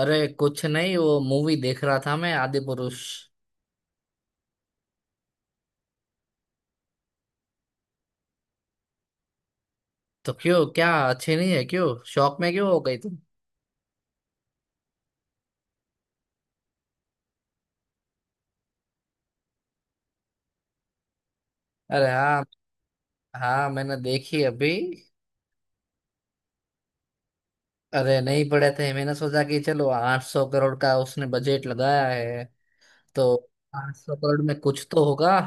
अरे कुछ नहीं, वो मूवी देख रहा था मैं, आदि पुरुष। तो क्यों? क्या अच्छी नहीं है? क्यों शौक में क्यों हो गई तुम? अरे हाँ। हाँ, मैंने देखी अभी। अरे नहीं पड़े थे, मैंने सोचा कि चलो 800 करोड़ का उसने बजट लगाया है। तो, 800 करोड़ में कुछ तो होगा।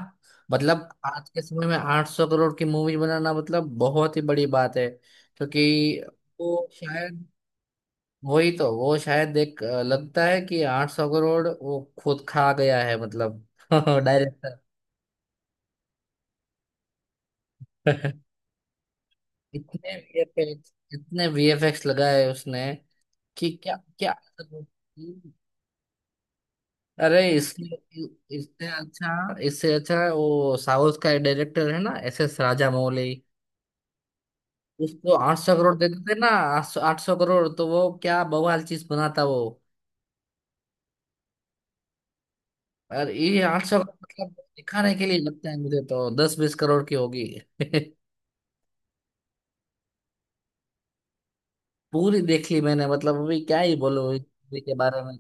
मतलब आज के समय में 800 करोड़ की मूवी बनाना मतलब बहुत ही बड़ी बात है। क्योंकि वो शायद, वही तो वो शायद एक लगता है कि 800 करोड़ वो खुद खा गया है मतलब। डायरेक्टर। इतने वीएफएक्स लगाए उसने कि क्या क्या। अरे इससे, इससे अच्छा वो साउथ का डायरेक्टर है ना, एस एस राजा मौली। उसको 800 करोड़ दे देते थे ना। 800 करोड़ तो वो क्या बवाल चीज बनाता वो। और ये 800 मतलब दिखाने के लिए, लगता है मुझे तो 10-20 करोड़ की होगी। पूरी देख ली मैंने, मतलब अभी क्या ही बोलो इस movie के बारे में।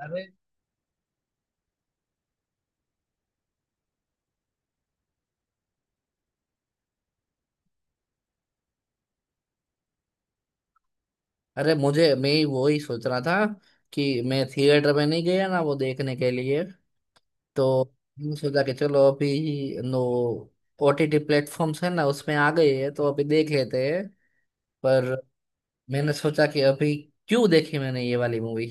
अरे, अरे मुझे, मैं ही वो ही सोच रहा था कि मैं थिएटर में नहीं गया ना वो देखने के लिए। तो मैंने सोचा कि चलो अभी, नो, ओटीटी प्लेटफॉर्म्स है ना, उसमें आ गई है तो अभी देख लेते हैं। पर मैंने सोचा कि अभी, क्यों देखी मैंने ये वाली मूवी?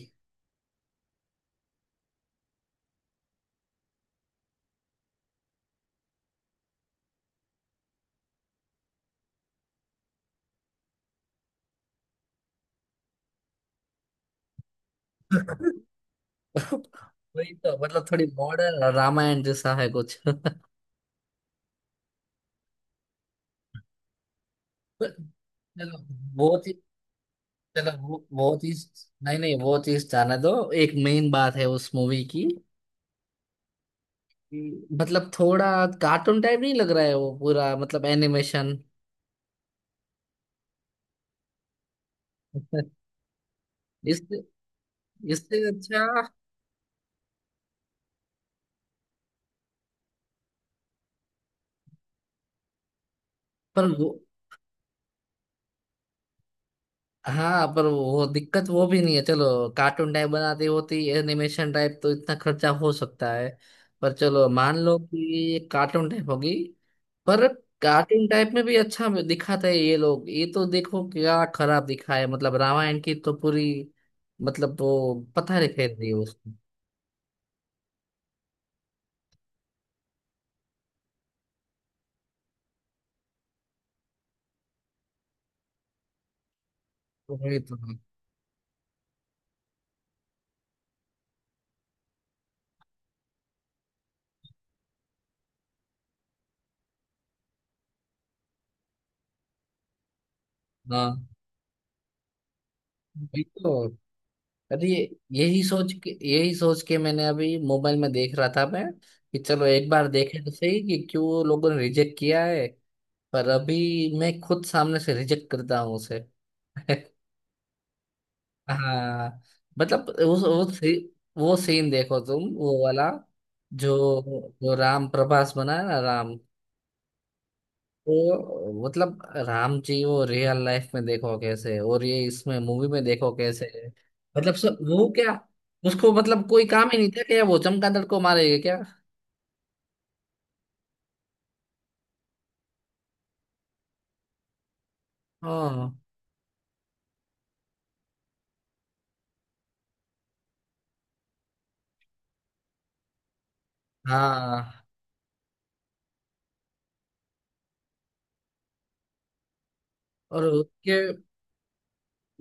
वही तो, मतलब थोड़ी मॉडर्न रामायण जैसा है कुछ। चलो, बहुत ही, चलो वो चीज, नहीं नहीं, वो चीज जाने दो। एक मेन बात है उस मूवी की कि मतलब थोड़ा कार्टून टाइप नहीं लग रहा है वो पूरा, मतलब एनिमेशन। इससे, इससे अच्छा, पर वो, हाँ पर वो दिक्कत वो भी नहीं है, चलो। कार्टून टाइप बनाती होती एनिमेशन टाइप तो इतना खर्चा हो सकता है। पर चलो मान लो कि कार्टून टाइप होगी। पर कार्टून टाइप में भी अच्छा दिखाता है ये लोग। ये तो देखो क्या खराब दिखा है, मतलब रामायण की तो पूरी, मतलब वो पता नहीं फेर दी है उसको। तो वही तो, हाँ वही तो। अरे ये, यही सोच के मैंने अभी मोबाइल में देख रहा था मैं, कि चलो एक बार देखे तो सही कि क्यों लोगों ने रिजेक्ट किया है। पर अभी मैं खुद सामने से रिजेक्ट करता हूँ उसे। हाँ, मतलब उस वो वो सीन देखो तुम, वो वाला, जो, जो राम, प्रभास बना है ना राम, वो मतलब राम जी, वो रियल लाइफ में देखो कैसे है, और ये इसमें मूवी में देखो कैसे है। मतलब सर वो क्या, उसको मतलब कोई काम ही नहीं था क्या, वो चमगादड़ को मारेगा क्या? हाँ। हाँ। और उसके,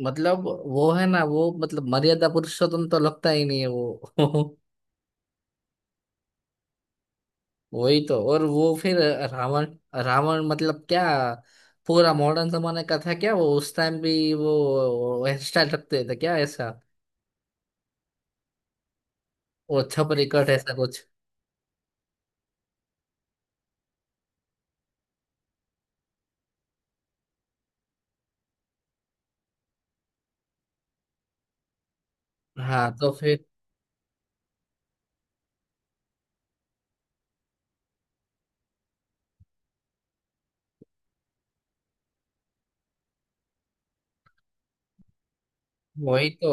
मतलब वो है ना वो, मतलब मर्यादा पुरुषोत्तम तो लगता ही नहीं है वो। वही तो, और वो फिर रावण, रावण मतलब क्या, पूरा मॉडर्न जमाने का था क्या वो? उस टाइम भी वो हेयर स्टाइल रखते थे क्या ऐसा, वो छपरी कट ऐसा कुछ? हाँ तो फिर, वही तो।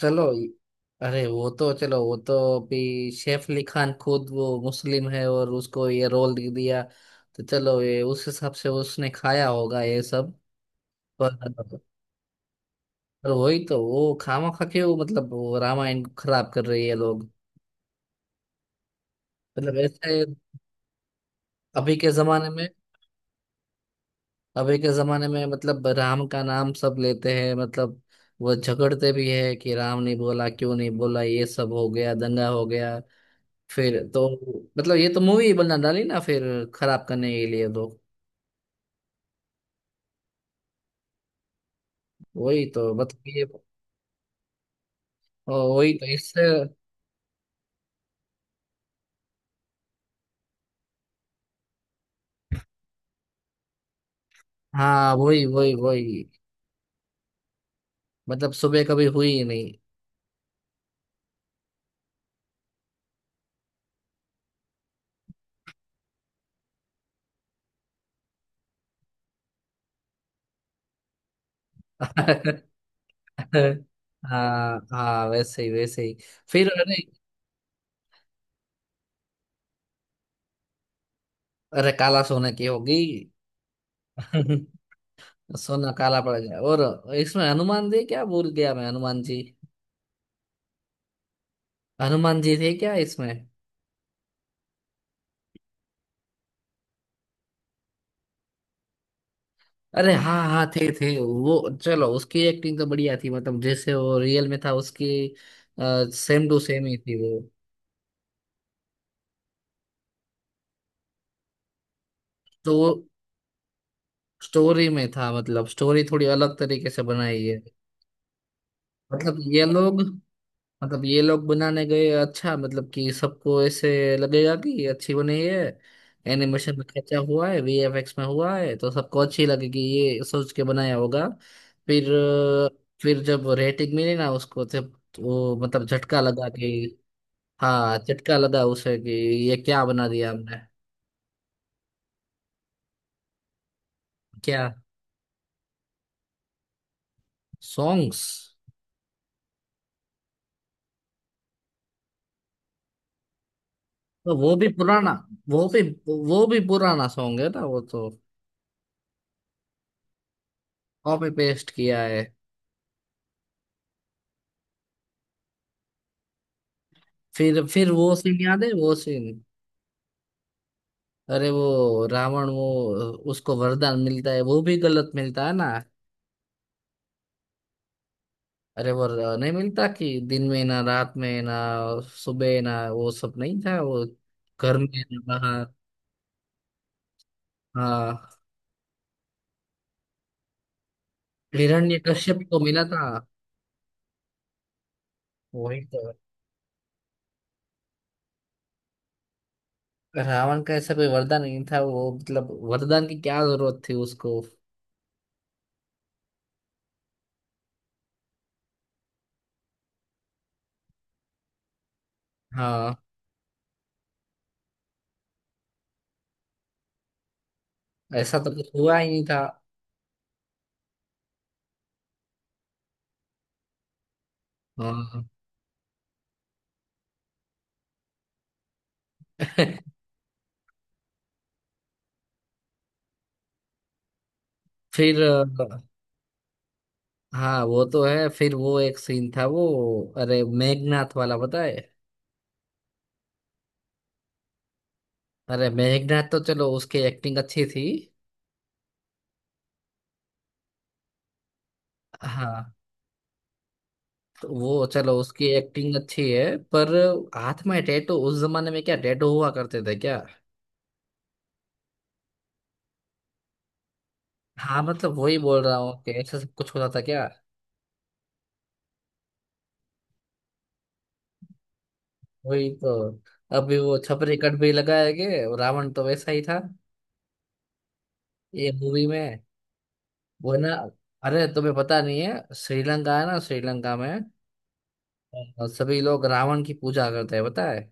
चलो, अरे वो तो, चलो वो तो, अभी, सैफ अली खान खुद वो मुस्लिम है और उसको ये रोल दे दिया, तो चलो ये उस हिसाब से उसने खाया होगा ये सब। पर पर वही तो, वो खामा खा के वो, मतलब वो रामायण को खराब कर रही है लोग। मतलब ऐसे, अभी के जमाने में, अभी के जमाने में मतलब राम का नाम सब लेते हैं, मतलब वो झगड़ते भी है कि राम नहीं बोला क्यों नहीं बोला, ये सब हो गया, दंगा हो गया। फिर तो, मतलब ये तो मूवी बना डाली ना फिर, खराब करने के लिए लोग। वही तो मतलब ये, ओ, वही तो इससे, हाँ, वही वही वही। मतलब सुबह कभी हुई ही नहीं। हाँ हाँ, वैसे ही वैसे ही। फिर अरे, अरे काला, सोने की होगी, सोना काला पड़ गया। और इसमें हनुमान जी, क्या भूल गया मैं, हनुमान जी, हनुमान जी थे क्या इसमें? अरे हाँ हाँ, थे वो, चलो उसकी एक्टिंग तो बढ़िया थी, मतलब जैसे वो रियल में था उसकी सेम टू सेम ही थी वो। तो वो स्टोरी में था, मतलब स्टोरी थोड़ी अलग तरीके से बनाई है। मतलब ये लोग, मतलब ये लोग बनाने गए अच्छा, मतलब कि सबको ऐसे लगेगा कि ये अच्छी बनी है, एनिमेशन में खर्चा हुआ है, वीएफएक्स में हुआ है, तो सबको अच्छी लगेगी, ये सोच के बनाया होगा। फिर अ, फिर जब रेटिंग मिली ना उसको, तब वो मतलब झटका लगा कि, हाँ, चटका लगा उसे कि ये क्या बना दिया हमने। क्या? सॉन्ग्स, तो वो भी पुराना, वो भी, वो भी पुराना सॉन्ग है ना वो तो, कॉपी पेस्ट किया है। फिर वो सीन याद है वो सीन? अरे वो रावण, वो उसको वरदान मिलता है, वो भी गलत मिलता है ना। अरे वो नहीं मिलता कि दिन में ना रात में ना सुबह ना, वो सब नहीं था वो, घर में ना बाहर। हाँ, हिरण्यकश्यप को मिला था। वही तो। रावण का ऐसा कोई वरदान नहीं था वो, मतलब वरदान की क्या जरूरत थी उसको? हाँ, ऐसा तो कुछ हुआ ही नहीं था। हाँ, फिर अ, हाँ वो तो है, फिर वो एक सीन था वो, अरे मेघनाथ वाला पता है? अरे मेघनाथ तो चलो उसकी एक्टिंग अच्छी थी। हाँ, तो वो चलो उसकी एक्टिंग अच्छी है, पर हाथ में टैटू, उस जमाने में क्या टैटू हुआ करते थे क्या? हाँ मतलब वही बोल रहा हूँ कि ऐसा सब कुछ होता था क्या? वही तो, अभी वो छपरी कट भी लगाए गए, और रावण तो वैसा ही था ये मूवी में, वो है ना। अरे तुम्हें पता नहीं है, श्रीलंका है ना, श्रीलंका में सभी लोग रावण की पूजा करते हैं पता है?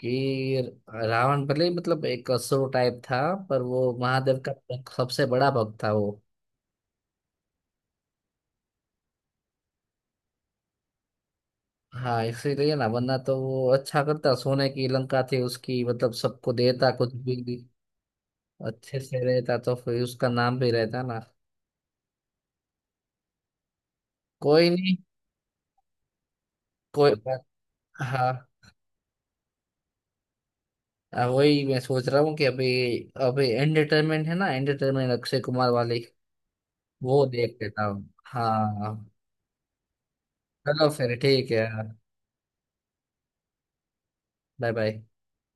कि रावण भले ही मतलब एक असुर टाइप था, पर वो महादेव का सबसे बड़ा भक्त था वो। हाँ इसीलिए ना, वरना तो वो अच्छा करता, सोने की लंका थी उसकी, मतलब सबको देता कुछ भी, अच्छे से रहता, तो फिर उसका नाम भी रहता ना। कोई नहीं, कोई, हाँ। हाँ, वही मैं सोच रहा हूँ कि अभी, अभी एंटरटेनमेंट है ना, एंटरटेनमेंट अक्षय कुमार वाली, वो देख लेता हूँ हाँ। चलो फिर ठीक है। Bye bye.